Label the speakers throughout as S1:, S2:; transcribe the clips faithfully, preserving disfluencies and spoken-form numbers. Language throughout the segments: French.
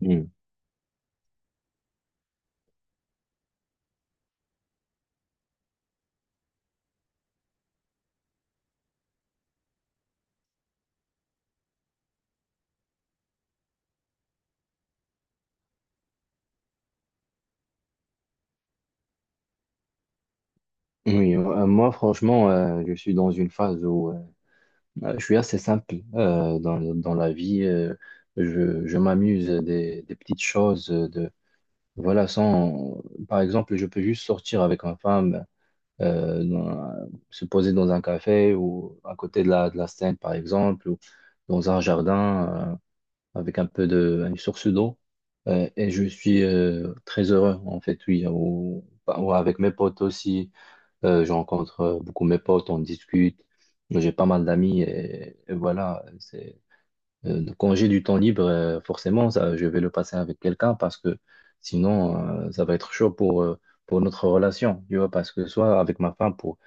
S1: Mm. Oui, euh, moi franchement, euh, je suis dans une phase où euh, euh, je suis assez simple euh, dans, dans la vie. euh, je je m'amuse des, des petites choses. euh, De, voilà, sans, par exemple, je peux juste sortir avec ma femme, euh, dans- se poser dans un café ou à côté de la, de la Seine, par exemple, ou dans un jardin euh, avec un peu de une source d'eau. Euh, et je suis euh, très heureux, en fait, oui, ou, ou avec mes potes aussi. Euh, je rencontre euh, beaucoup mes potes, on discute. J'ai pas mal d'amis et, et voilà. C'est, euh, quand j'ai du temps libre, euh, forcément, ça, je vais le passer avec quelqu'un parce que sinon, euh, ça va être chaud pour, euh, pour notre relation. Tu vois, parce que soit avec ma femme pour,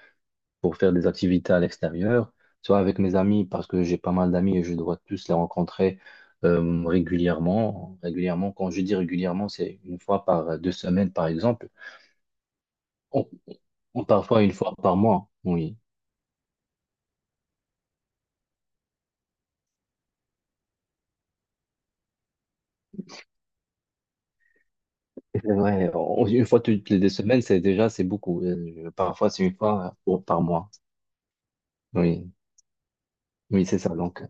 S1: pour faire des activités à l'extérieur, soit avec mes amis parce que j'ai pas mal d'amis et je dois tous les rencontrer euh, régulièrement. Régulièrement, quand je dis régulièrement, c'est une fois par euh, deux semaines, par exemple. On- on- Parfois une fois par mois, oui. C'est vrai, on- une fois toutes les deux semaines, c'est déjà, c'est beaucoup. Euh, Parfois, c'est une fois euh, pour- par mois. Oui. Oui, c'est ça. Donc,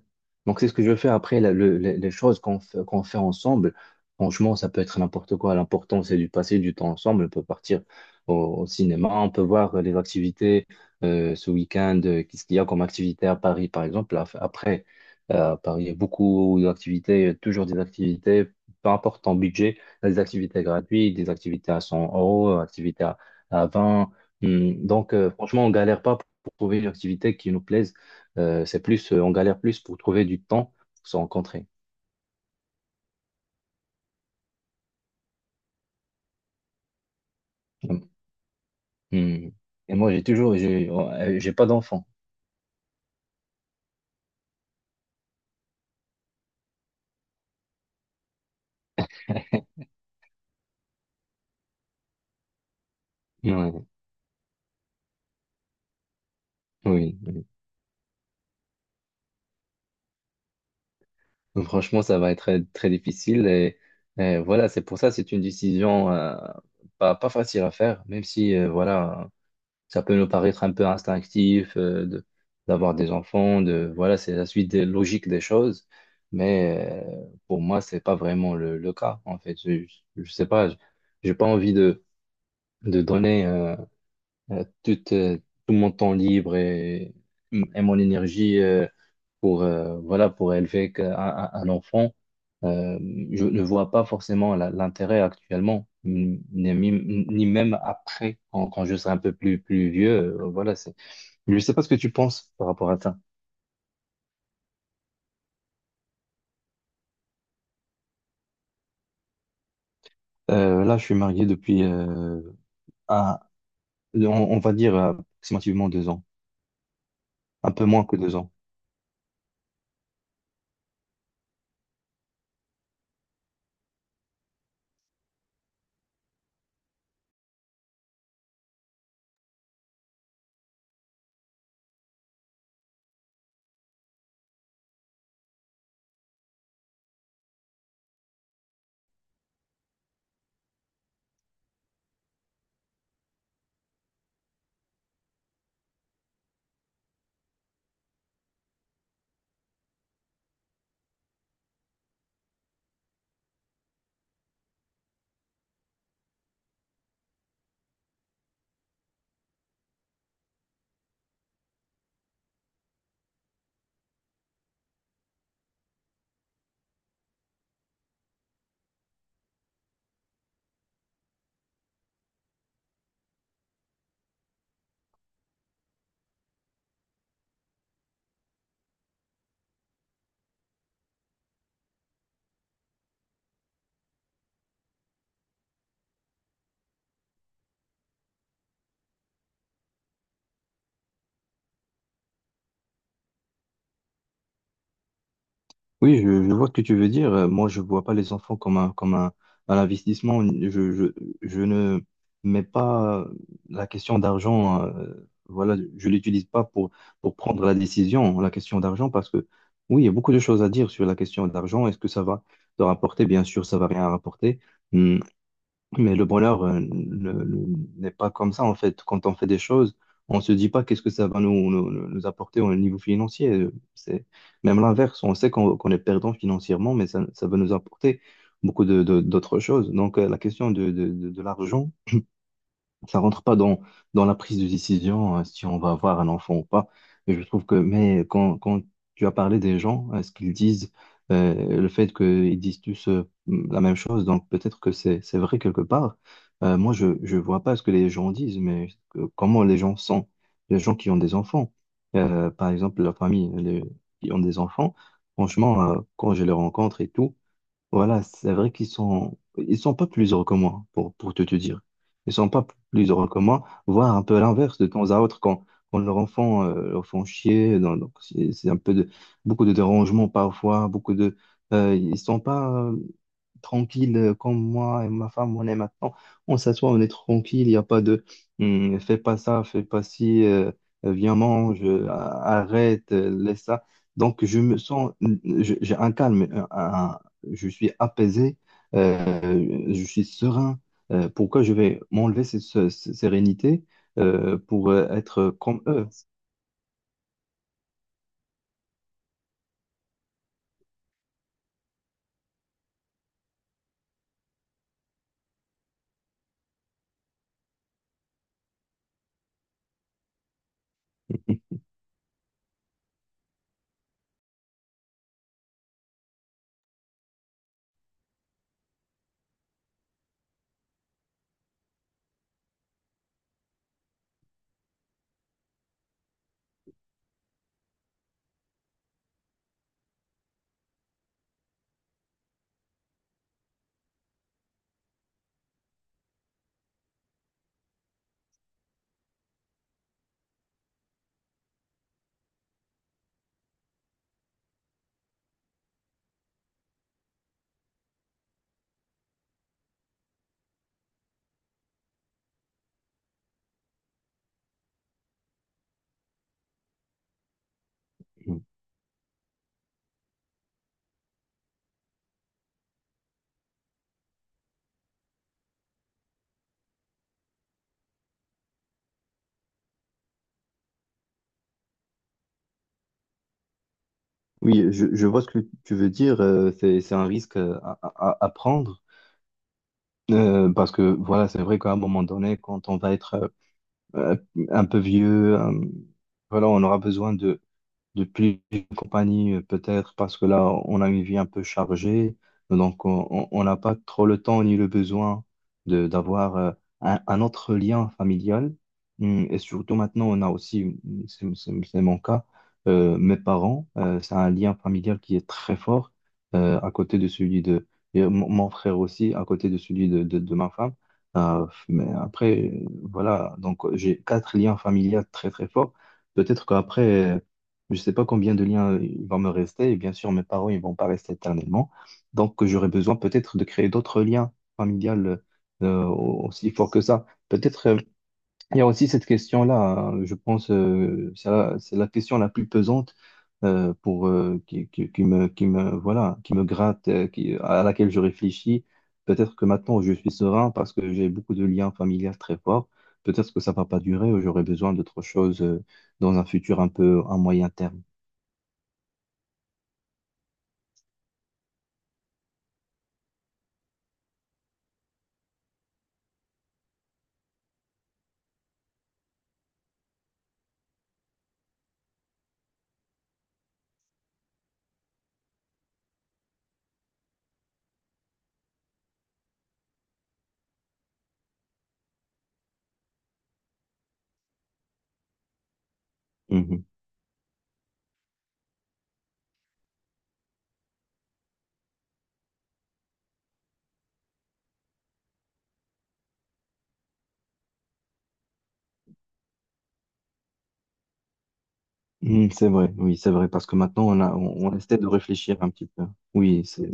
S1: donc c'est ce que je fais après. La- le- le- les choses qu'on fait, qu'on fait ensemble, franchement, ça peut être n'importe quoi. L'important, c'est de passer du temps ensemble. On peut partir au, au cinéma, on peut voir euh, les activités euh, ce week-end. euh, Qu'est-ce qu'il y a comme activité à Paris, par exemple? Af- Après, euh, à Paris, il y a beaucoup d'activités, euh, toujours des activités, peu importe ton budget, il y a des activités gratuites, des activités à cent euros, euh, activités à, à vingt. Hum. Donc, euh, franchement, on galère pas pour trouver une activité qui nous plaise euh, c'est plus, euh, on galère plus pour trouver du temps pour se rencontrer. Mm. Mm. Et moi, j'ai toujours, j'ai euh, j'ai pas d'enfant. Ouais, oui. Donc, franchement, ça va être très, très difficile. Et, et voilà, c'est pour ça, c'est une décision euh, pas, pas facile à faire, même si, euh, voilà, ça peut nous paraître un peu instinctif euh, de, d'avoir des enfants, de, voilà, c'est la suite des- logique des choses. Mais euh, pour moi, c'est pas vraiment le, le cas, en fait. Je, je je sais pas, j'ai pas envie de, de donner. Euh, euh, toute, euh, tout mon temps libre et, et mon énergie euh, pour, euh, voilà, pour élever qu'un- un, un enfant. Euh, je ne vois pas forcément la- l'intérêt actuellement, ni, ni ni même après, quand, quand je serai un peu plus, plus vieux. Euh, voilà, c'est… Je ne sais pas ce que tu penses par rapport à ça. Euh, là, je suis marié depuis, euh, un- on, on va dire, approximativement deux ans, un peu moins que deux ans. Oui, je, je vois ce que tu veux dire. Euh, Moi, je vois pas les enfants comme un, comme un, un investissement. Je, je, je ne mets pas la question d'argent, euh, voilà, je l'utilise pas pour, pour prendre la décision, la question d'argent, parce que oui, il y a beaucoup de choses à dire sur la question d'argent. Est-ce que ça va te rapporter? Bien sûr, ça va rien rapporter. Hum, mais le bonheur euh, ne- ne- n'est pas comme ça, en fait. Quand on fait des choses, on ne se dit pas qu'est-ce que ça va nous, nous, nous apporter au niveau financier. C'est même l'inverse. On sait qu'on qu'on est perdant financièrement, mais ça, ça va nous apporter beaucoup de, de- d'autres choses. Donc, euh, la question de, de, de, de l'argent, ça rentre pas dans, dans la prise de décision euh, si on va avoir un enfant ou pas. Et je trouve que, mais quand, quand tu as parlé des gens, euh, ce qu'ils disent, euh, le fait qu'ils disent tous euh, la même chose, donc peut-être que c'est, c'est vrai quelque part. Euh, moi, je, je vois pas ce que les gens disent, mais euh, comment les gens sont, les gens qui ont des enfants. Euh, par exemple, la famille, les- qui ont des enfants, franchement, euh, quand je les rencontre et tout, voilà, c'est vrai qu'ils sont, ils sont pas plus heureux que moi, pour, pour te, te dire. Ils sont pas plus heureux que moi, voire un peu l'inverse de temps à autre quand, quand leur enfant euh, leur font chier. dans- Donc c'est c'est un peu de, beaucoup de dérangements parfois, beaucoup de, euh, ils sont pas tranquille euh, comme moi et ma femme, on est maintenant. On s'assoit, on est tranquille, il n'y a pas de hum, fais pas ça, fais pas ci, euh, viens mange, euh, arrête, euh, laisse ça. Donc je me sens, hmm, je- j'ai un calme, un- un- je suis apaisé, euh, je suis serein. Euh, pourquoi je vais m'enlever cette ce- cette sérénité euh, pour euh, être comme eux? Hmm. Oui, je, je vois ce que tu veux dire. euh, c'est, c'est un risque euh, à, à- à prendre. Euh, parce que voilà, c'est vrai qu'à un moment donné, quand on va être euh, euh, un peu vieux, euh, voilà, on aura besoin de, depuis une compagnie, euh, peut-être parce que là, on a une vie un peu chargée, donc on on- on n'a pas trop le temps ni le besoin de d'avoir euh, un, un autre lien familial. Hum, Et surtout maintenant, on a aussi, c'est c'est- c'est mon cas, euh, mes parents, euh, c'est un lien familial qui est très fort euh, à côté de celui de et mon mon frère aussi, à côté de celui de, de, de ma femme. Euh, mais après, euh, voilà, donc j'ai quatre liens familiaux très très forts. Peut-être qu'après, je ne sais pas combien de liens euh, il va me rester. Et bien sûr, mes parents, ils vont pas rester éternellement. Donc, euh, j'aurai besoin peut-être de créer d'autres liens familiales euh, aussi forts que ça. Peut-être, euh, il y a aussi cette question-là, hein, je pense, euh, c'est la, c'est la question la plus pesante euh, pour euh, qui, qui- qui me, qui me, voilà, qui me gratte, euh, qui- à laquelle je réfléchis. Peut-être que maintenant, je suis serein parce que j'ai beaucoup de liens familiaux très forts. Peut-être que ça va pas durer. J'aurai besoin d'autre chose euh, dans un futur un peu à moyen terme. Mhm. Mhm, c'est vrai, oui, c'est vrai, parce que maintenant on a, on, on essaie de réfléchir un petit peu. Oui, c'est,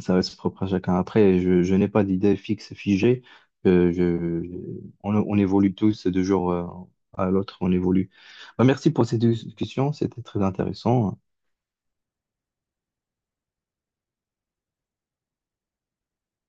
S1: ça reste propre à chacun. Après, je, je n'ai pas d'idée fixe, figée. Euh, je, je- on, on évolue tous de jour euh, à l'autre, on évolue. Bah, merci pour cette discussion, c'était très intéressant.